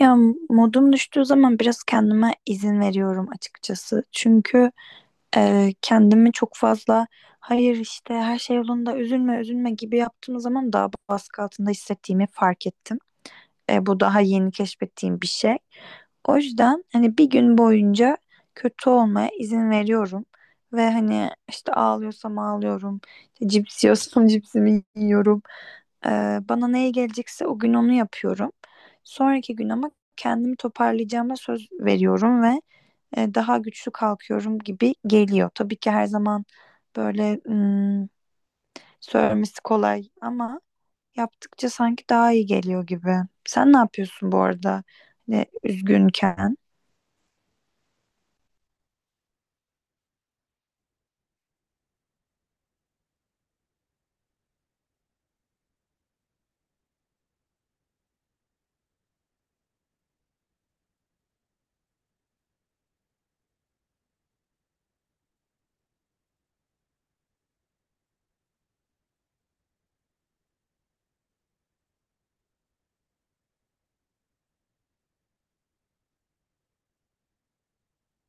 Ya modum düştüğü zaman biraz kendime izin veriyorum açıkçası. Çünkü kendimi çok fazla hayır işte her şey yolunda üzülme üzülme gibi yaptığım zaman daha baskı altında hissettiğimi fark ettim. Bu daha yeni keşfettiğim bir şey. O yüzden hani bir gün boyunca kötü olmaya izin veriyorum. Ve hani işte ağlıyorsam ağlıyorum. İşte cips yiyorsam cipsimi yiyorum. Ee, Bana neye gelecekse o gün onu yapıyorum. Sonraki gün ama kendimi toparlayacağıma söz veriyorum ve daha güçlü kalkıyorum gibi geliyor. Tabii ki her zaman böyle söylemesi kolay ama yaptıkça sanki daha iyi geliyor gibi. Sen ne yapıyorsun bu arada? Hani üzgünken?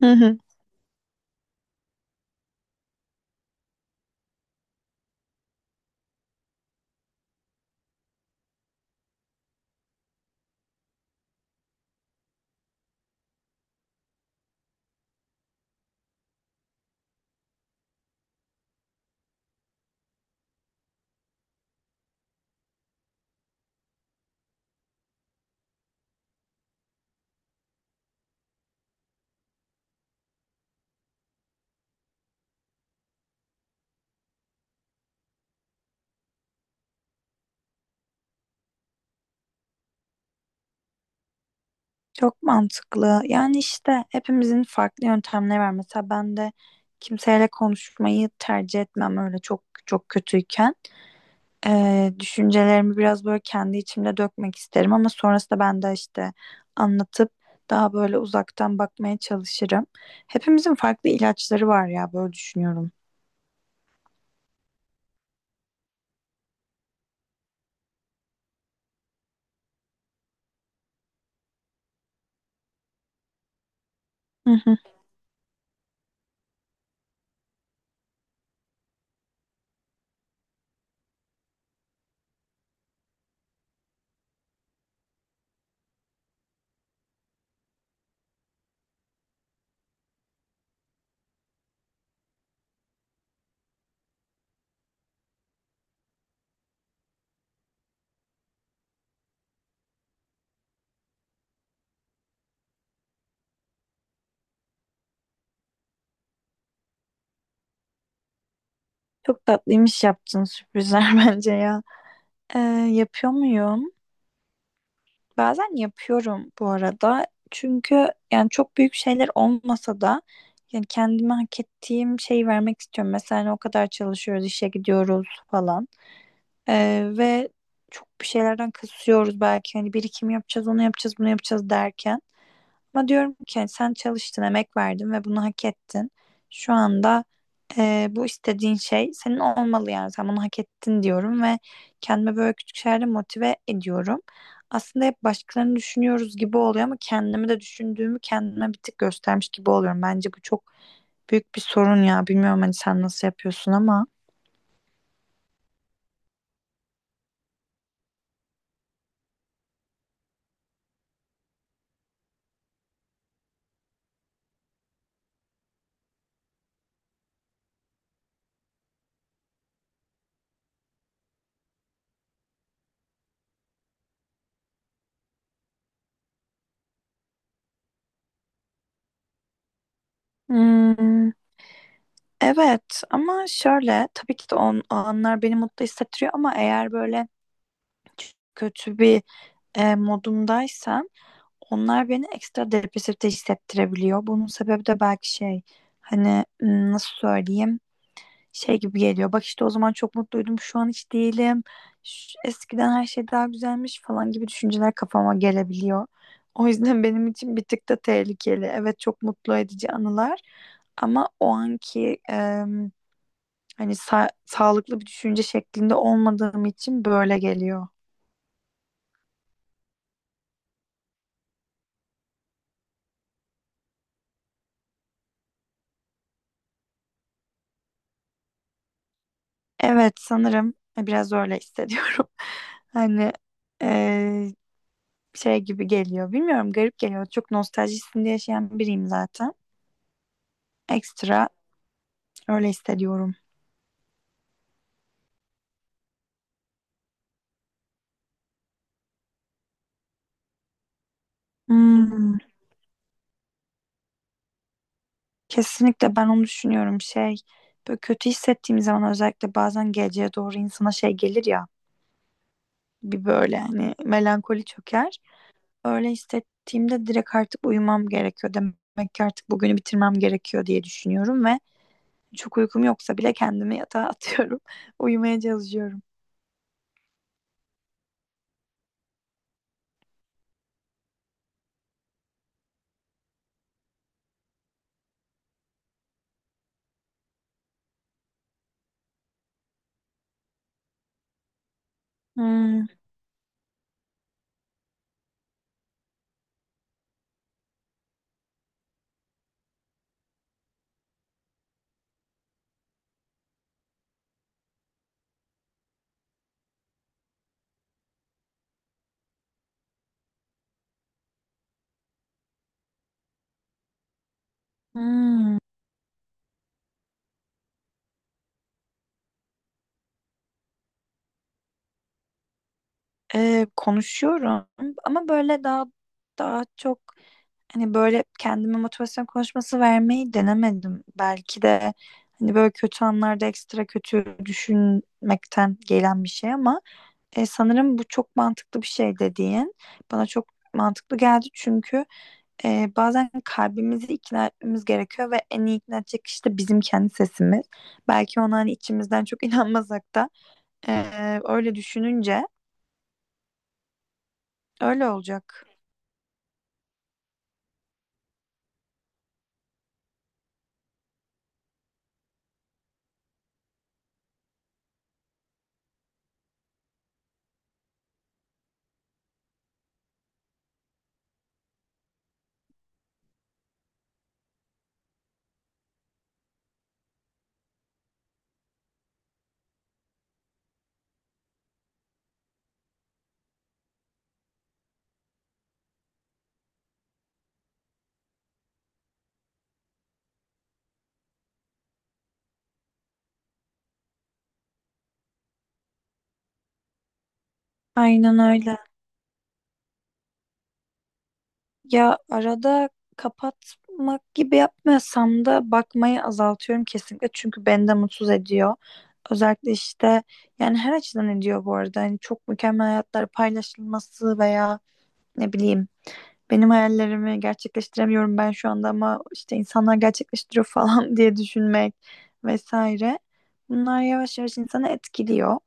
Çok mantıklı. Yani işte hepimizin farklı yöntemleri var. Mesela ben de kimseyle konuşmayı tercih etmem öyle çok çok kötüyken. Düşüncelerimi biraz böyle kendi içimde dökmek isterim ama sonrasında ben de işte anlatıp daha böyle uzaktan bakmaya çalışırım. Hepimizin farklı ilaçları var ya böyle düşünüyorum. Hı hı. Çok tatlıymış yaptığın sürprizler bence ya. Ee, Yapıyor muyum? Bazen yapıyorum bu arada. Çünkü yani çok büyük şeyler olmasa da yani kendime hak ettiğim şeyi vermek istiyorum. Mesela hani o kadar çalışıyoruz, işe gidiyoruz falan. Ve çok bir şeylerden kısıyoruz belki. Hani birikim yapacağız, onu yapacağız, bunu yapacağız derken. Ama diyorum ki hani sen çalıştın, emek verdin ve bunu hak ettin. Şu anda bu istediğin şey senin olmalı yani. Sen bunu hak ettin diyorum ve kendime böyle küçük şeylerle motive ediyorum. Aslında hep başkalarını düşünüyoruz gibi oluyor ama kendimi de düşündüğümü kendime bir tık göstermiş gibi oluyorum. Bence bu çok büyük bir sorun ya. Bilmiyorum hani sen nasıl yapıyorsun ama. Hmm, evet ama şöyle tabii ki de o anlar beni mutlu hissettiriyor ama eğer böyle kötü bir modumdaysam onlar beni ekstra depresif de hissettirebiliyor. Bunun sebebi de belki şey hani nasıl söyleyeyim şey gibi geliyor. Bak işte o zaman çok mutluydum, şu an hiç değilim. Eskiden her şey daha güzelmiş falan gibi düşünceler kafama gelebiliyor. O yüzden benim için bir tık da tehlikeli. Evet çok mutlu edici anılar ama o anki hani sağlıklı bir düşünce şeklinde olmadığım için böyle geliyor. Evet sanırım biraz öyle hissediyorum. Hani eee, şey gibi geliyor. Bilmiyorum garip geliyor. Çok nostaljisinde yaşayan biriyim zaten. Ekstra öyle hissediyorum. Hmm, kesinlikle ben onu düşünüyorum. Şey böyle kötü hissettiğim zaman özellikle bazen geceye doğru insana şey gelir ya. Bir böyle hani melankoli çöker. Öyle hissettiğimde direkt artık uyumam gerekiyor. Demek ki artık bugünü bitirmem gerekiyor diye düşünüyorum ve çok uykum yoksa bile kendimi yatağa atıyorum. Uyumaya çalışıyorum. Hmm, hmm. Konuşuyorum ama böyle daha daha çok, hani böyle kendime motivasyon konuşması vermeyi denemedim. Belki de hani böyle kötü anlarda ekstra kötü düşünmekten gelen bir şey ama sanırım bu çok mantıklı bir şey dediğin bana çok mantıklı geldi çünkü bazen kalbimizi ikna etmemiz gerekiyor ve en iyi ikna edecek kişi de bizim kendi sesimiz. Belki ona hani içimizden çok inanmasak da öyle düşününce öyle olacak. Aynen öyle. Ya arada kapatmak gibi yapmıyorsam da bakmayı azaltıyorum kesinlikle çünkü beni de mutsuz ediyor. Özellikle işte yani her açıdan ediyor bu arada. Hani çok mükemmel hayatlar paylaşılması veya ne bileyim benim hayallerimi gerçekleştiremiyorum ben şu anda ama işte insanlar gerçekleştiriyor falan diye düşünmek vesaire. Bunlar yavaş yavaş insanı etkiliyor.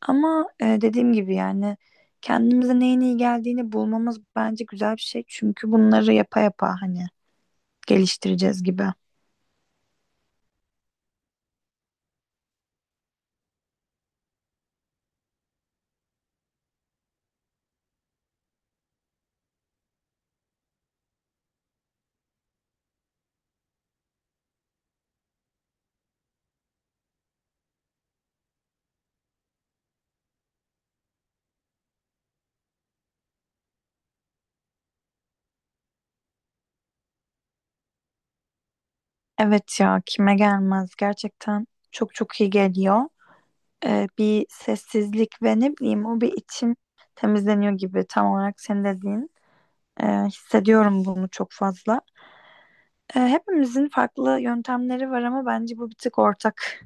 Ama dediğim gibi yani kendimize neyin iyi geldiğini bulmamız bence güzel bir şey. Çünkü bunları yapa yapa hani geliştireceğiz gibi. Evet ya kime gelmez, gerçekten çok çok iyi geliyor. Bir sessizlik ve ne bileyim o bir içim temizleniyor gibi, tam olarak senin dediğin. Hissediyorum bunu çok fazla. Hepimizin farklı yöntemleri var ama bence bu bir tık ortak.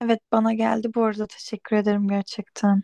Evet bana geldi bu arada, teşekkür ederim gerçekten.